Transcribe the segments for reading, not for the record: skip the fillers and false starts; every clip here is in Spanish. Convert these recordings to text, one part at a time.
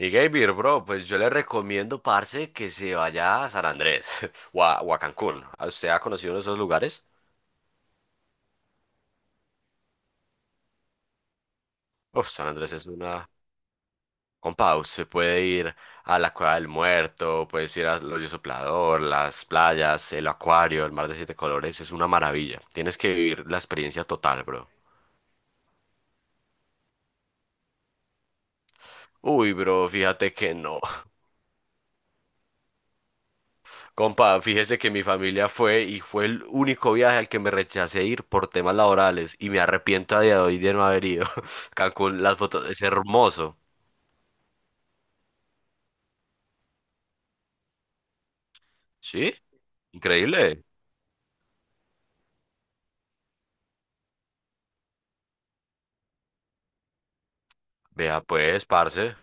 Y Gabriel, bro, pues yo le recomiendo, parce, que se vaya a San Andrés o a Cancún. ¿A ¿Usted ha conocido uno de esos lugares? Uf, San Andrés es una... Compa, usted puede ir a la Cueva del Muerto, puedes ir al Hoyo Soplador, las playas, el acuario, el mar de siete colores, es una maravilla. Tienes que vivir la experiencia total, bro. Uy, bro, fíjate que no. Compa, fíjese que mi familia fue y fue el único viaje al que me rechacé ir por temas laborales y me arrepiento a día de hoy de no haber ido. Cancún, las fotos, es hermoso. ¿Sí? Increíble. Vea pues, parce.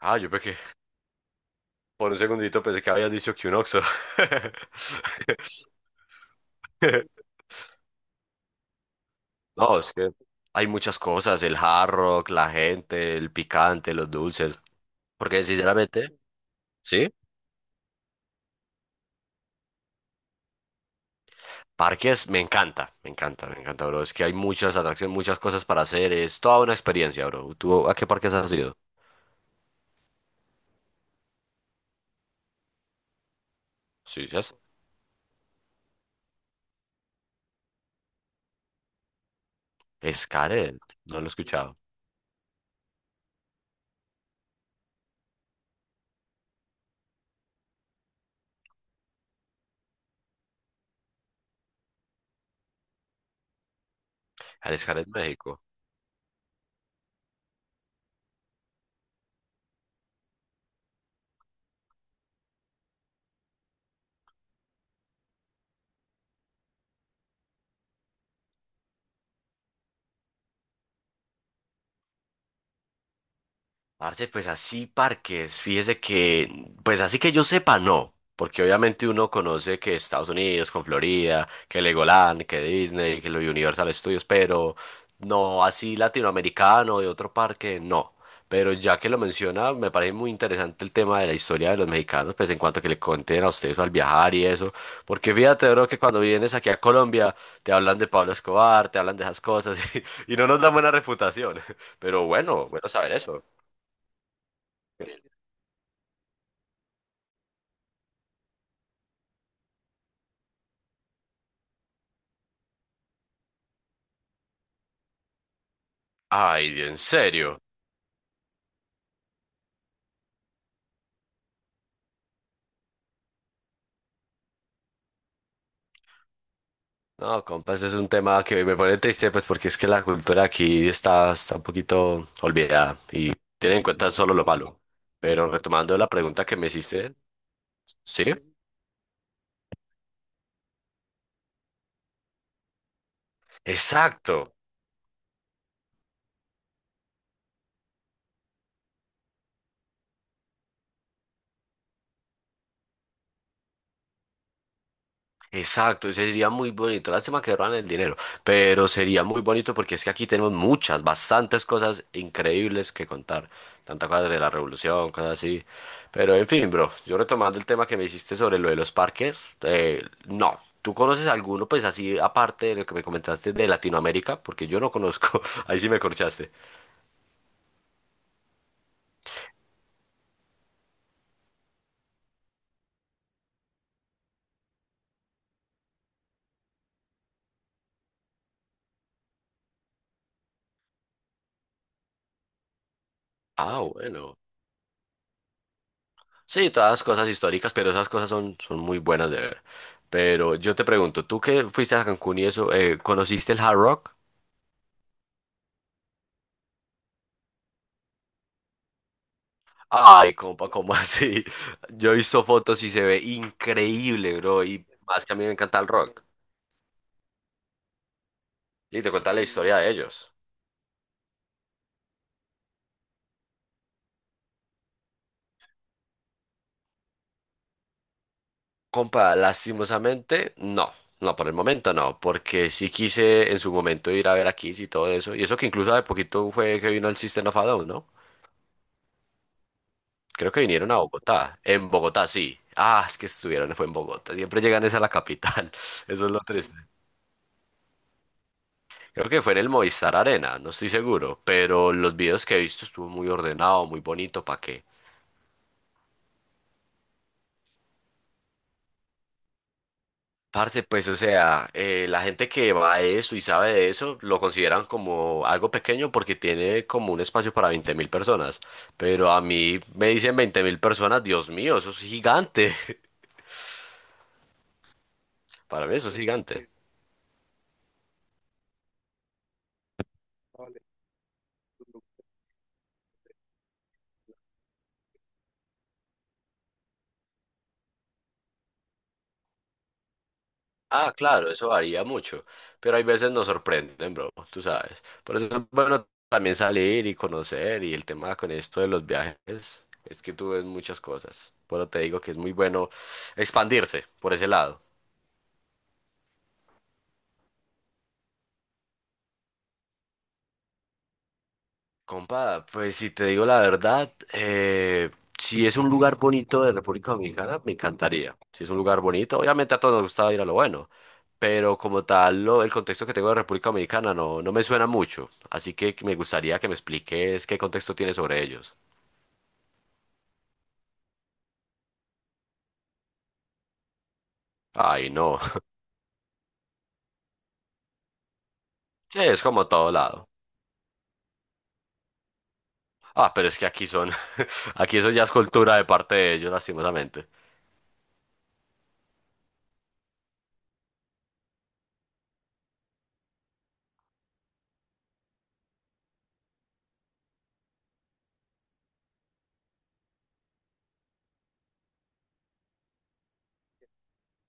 Ah, yo pequé. Por un segundito pensé que habías dicho que un Oxxo. No, es que hay muchas cosas, el Hard Rock, la gente, el picante, los dulces. Porque sinceramente, ¿sí? Parques, me encanta, me encanta, me encanta, bro. Es que hay muchas atracciones, muchas cosas para hacer. Es toda una experiencia, bro. ¿Tú a qué parques has ido? Sí, ya sé. Xcaret, no lo he escuchado. Al Xcaret, México. Parce, pues así parques, fíjese que, pues así que yo sepa, no, porque obviamente uno conoce que Estados Unidos con Florida, que Legoland, que Disney, que lo Universal Studios, pero no así latinoamericano de otro parque, no. Pero ya que lo menciona, me parece muy interesante el tema de la historia de los mexicanos, pues en cuanto a que le conten a ustedes al viajar y eso, porque fíjate, bro, que cuando vienes aquí a Colombia te hablan de Pablo Escobar, te hablan de esas cosas y no nos dan buena reputación. Pero bueno, bueno saber eso. Ay, en serio. No, compas, es un tema que me pone triste, pues porque es que la cultura aquí está un poquito olvidada y tiene en cuenta solo lo malo. Pero retomando la pregunta que me hiciste, sí, exacto. Exacto, ese sería muy bonito. Lástima que roban el dinero, pero sería muy bonito porque es que aquí tenemos muchas, bastantes cosas increíbles que contar. Tantas cosas de la revolución, cosas así. Pero en fin, bro, yo retomando el tema que me hiciste sobre lo de los parques, no. ¿Tú conoces alguno, pues así, aparte de lo que me comentaste de Latinoamérica? Porque yo no conozco. Ahí sí me corchaste. Ah, bueno. Sí, todas cosas históricas, pero esas cosas son muy buenas de ver. Pero yo te pregunto, tú que fuiste a Cancún y eso, ¿conociste el Hard Rock? Ay, compa, ¿cómo así? Yo he visto fotos y se ve increíble, bro. Y más que a mí me encanta el rock. Y te cuenta la historia de ellos. Compa, lastimosamente, no. No, por el momento no, porque sí quise en su momento ir a ver a Kiss y todo eso. Y eso que incluso de poquito fue que vino el System of a Down, ¿no? Creo que vinieron a Bogotá. En Bogotá, sí. Ah, es que estuvieron, fue en Bogotá. Siempre llegan es a la capital. Eso es lo triste. Creo que fue en el Movistar Arena, no estoy seguro. Pero los videos que he visto estuvo muy ordenado, muy bonito. ¿Para qué? Parce, pues, o sea, la gente que va a eso y sabe de eso lo consideran como algo pequeño porque tiene como un espacio para 20 mil personas. Pero a mí me dicen 20 mil personas, Dios mío, eso es gigante. Para mí eso es gigante. Ah, claro, eso varía mucho, pero hay veces nos sorprenden, bro, tú sabes. Por eso es bueno también salir y conocer y el tema con esto de los viajes es que tú ves muchas cosas. Pero te digo que es muy bueno expandirse por ese lado. Compa, pues si te digo la verdad, si es un lugar bonito de República Dominicana, me encantaría. Si es un lugar bonito, obviamente a todos nos gusta ir a lo bueno, pero como tal, el contexto que tengo de República Dominicana no, no me suena mucho, así que me gustaría que me expliques qué contexto tiene sobre ellos. Ay, no. Sí, es como todo lado. Ah, pero es que aquí son, aquí eso ya es cultura de parte de ellos, lastimosamente.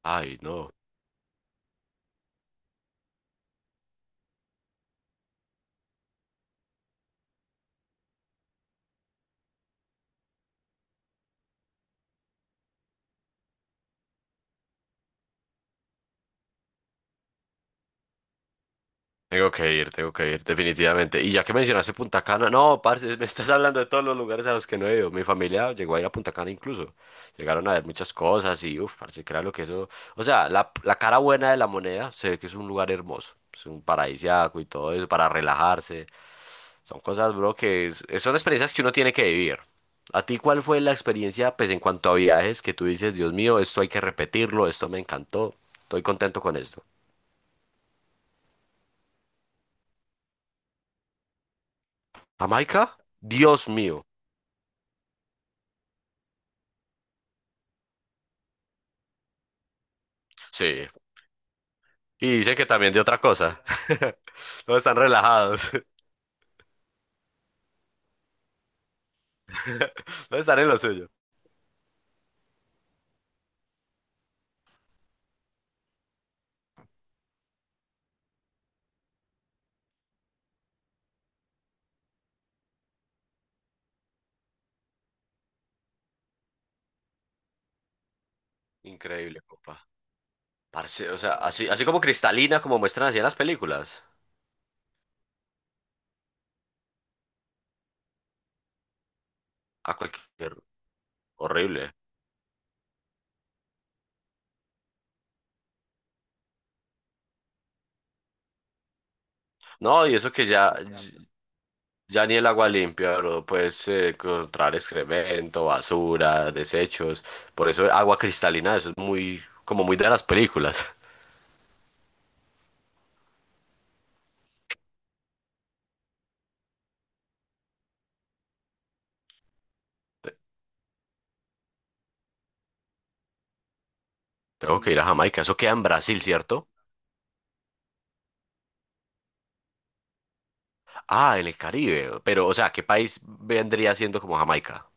Ay, no. Tengo que ir, definitivamente. Y ya que mencionaste Punta Cana, no, parce, me estás hablando de todos los lugares a los que no he ido. Mi familia llegó a ir a Punta Cana incluso. Llegaron a ver muchas cosas y, uff, parce, lo que eso. O sea, la cara buena de la moneda se ve que es un lugar hermoso. Es un paradisiaco y todo eso para relajarse. Son cosas, bro, son experiencias que uno tiene que vivir. ¿A ti cuál fue la experiencia, pues, en cuanto a viajes que tú dices, Dios mío, esto hay que repetirlo, esto me encantó, estoy contento con esto? ¿Jamaica? Dios mío. Sí. Y dicen que también de otra cosa. No están relajados. No están en lo suyo. Increíble, compa. Parce, o sea, así, así como cristalina, como muestran así en las películas. A cualquier. Horrible. No, y eso que ya, ya ni el agua limpia, bro. Puedes encontrar excremento, basura, desechos. Por eso agua cristalina, eso es muy, como muy de las películas. Te- Tengo que ir a Jamaica. Eso queda en Brasil, ¿cierto? Ah, en el Caribe. Pero, o sea, ¿qué país vendría siendo como Jamaica?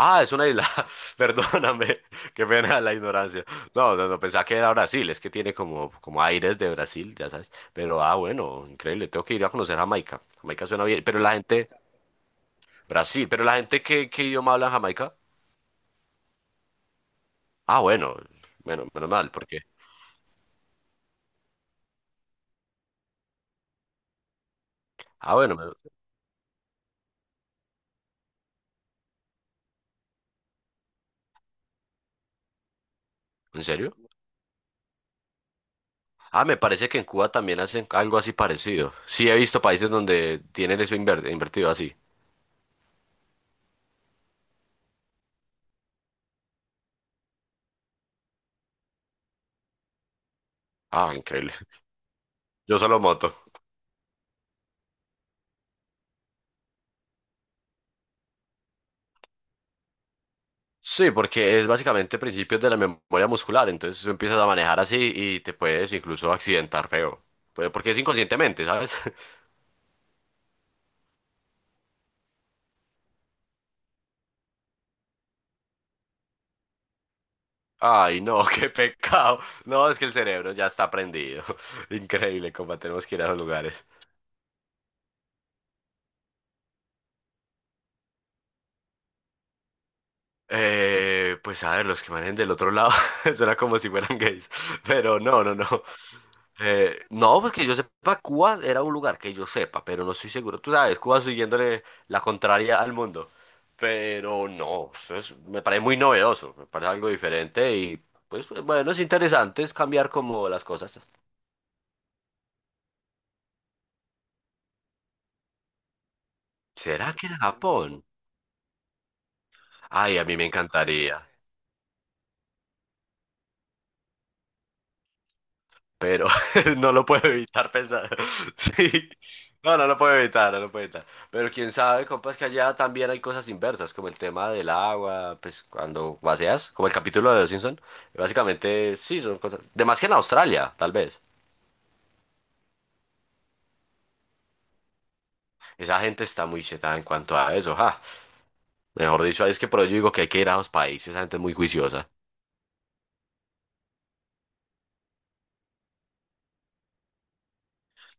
Ah, es una isla. Perdóname, qué pena la ignorancia. No, no, no, pensaba que era Brasil, es que tiene como, como aires de Brasil, ya sabes. Pero ah, bueno, increíble, tengo que ir a conocer Jamaica. Jamaica suena bien, pero la gente, Brasil, pero la gente, ¿qué, qué idioma habla en Jamaica? Ah, bueno, bueno, menos mal, porque. Ah, bueno, me- ¿En serio? Ah, me parece que en Cuba también hacen algo así parecido. Sí, he visto países donde tienen eso invertido así. Ah, increíble. Yo solo moto. Sí, porque es básicamente principios de la memoria muscular, entonces tú empiezas a manejar así y te puedes incluso accidentar feo. Pues, porque es inconscientemente, ¿sabes? Ay, no, qué pecado. No, es que el cerebro ya está prendido. Increíble cómo tenemos que ir a esos lugares. Pues a ver, los que manejen del otro lado, suena como si fueran gays. Pero no, no, no. No, pues que yo sepa, Cuba era un lugar que yo sepa, pero no estoy seguro. Tú sabes, Cuba siguiéndole la contraria al mundo. Pero no, me parece muy novedoso, me parece algo diferente y pues bueno, es interesante es cambiar como las cosas. ¿Será que era Japón? Ay, a mí me encantaría, pero no lo puedo evitar pensar. Sí. No, no lo puedo evitar, no lo puedo evitar. Pero quién sabe, compas, que allá también hay cosas inversas, como el tema del agua, pues cuando vacias, como el capítulo de Los Simpson. Básicamente, sí, son cosas. De más que en Australia, tal vez. Esa gente está muy chetada en cuanto a eso, ja. Mejor dicho, ahí es que por ello digo que hay que ir a los países, esa gente es muy juiciosa.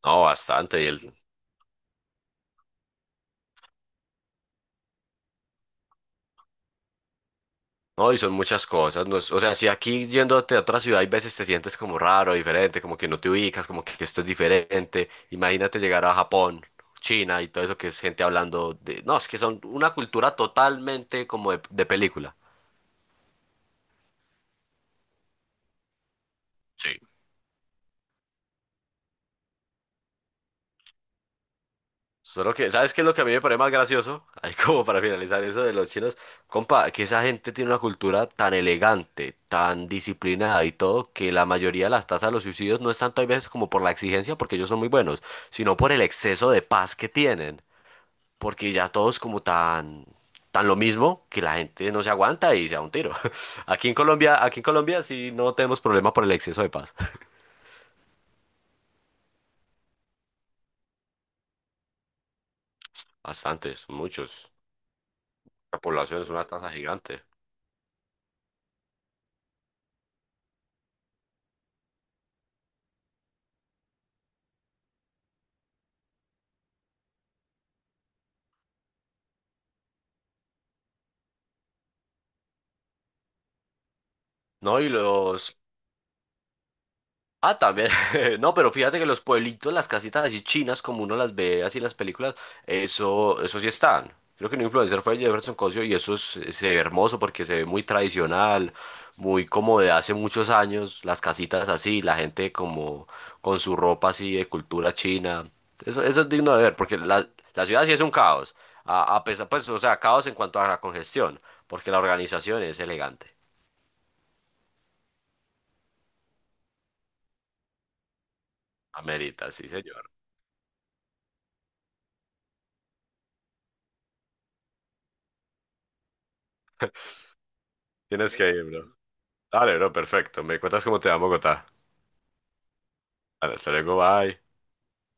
No, bastante. Y el, no, y son muchas cosas. O sea, si aquí yéndote a otra ciudad, hay veces te sientes como raro, diferente, como que no te ubicas, como que esto es diferente. Imagínate llegar a Japón, China y todo eso que es gente hablando de... No, es que son una cultura totalmente como de película. Sí, solo que, ¿sabes qué es lo que a mí me parece más gracioso? Ahí como para finalizar eso de los chinos, compa, que esa gente tiene una cultura tan elegante, tan disciplinada y todo, que la mayoría de las tasas de los suicidios no es tanto hay veces como por la exigencia, porque ellos son muy buenos, sino por el exceso de paz que tienen, porque ya todos como tan, tan lo mismo que la gente no se aguanta y se da un tiro. Aquí en Colombia sí no tenemos problema por el exceso de paz. Bastantes, muchos. La población es una tasa gigante. No, y los ah, también. No, pero fíjate que los pueblitos, las casitas así chinas, como uno las ve así en las películas, eso sí están. Creo que un influencer fue Jefferson Cosio y eso es, se ve hermoso porque se ve muy tradicional, muy como de hace muchos años, las casitas así, la gente como con su ropa así de cultura china. Eso es digno de ver porque la ciudad sí es un caos. A pesar, pues, o sea, caos en cuanto a la congestión, porque la organización es elegante. Amerita, sí, señor. Tienes que ir, bro. Dale, bro, perfecto. Me cuentas cómo te va Bogotá. Vale, hasta luego, bye.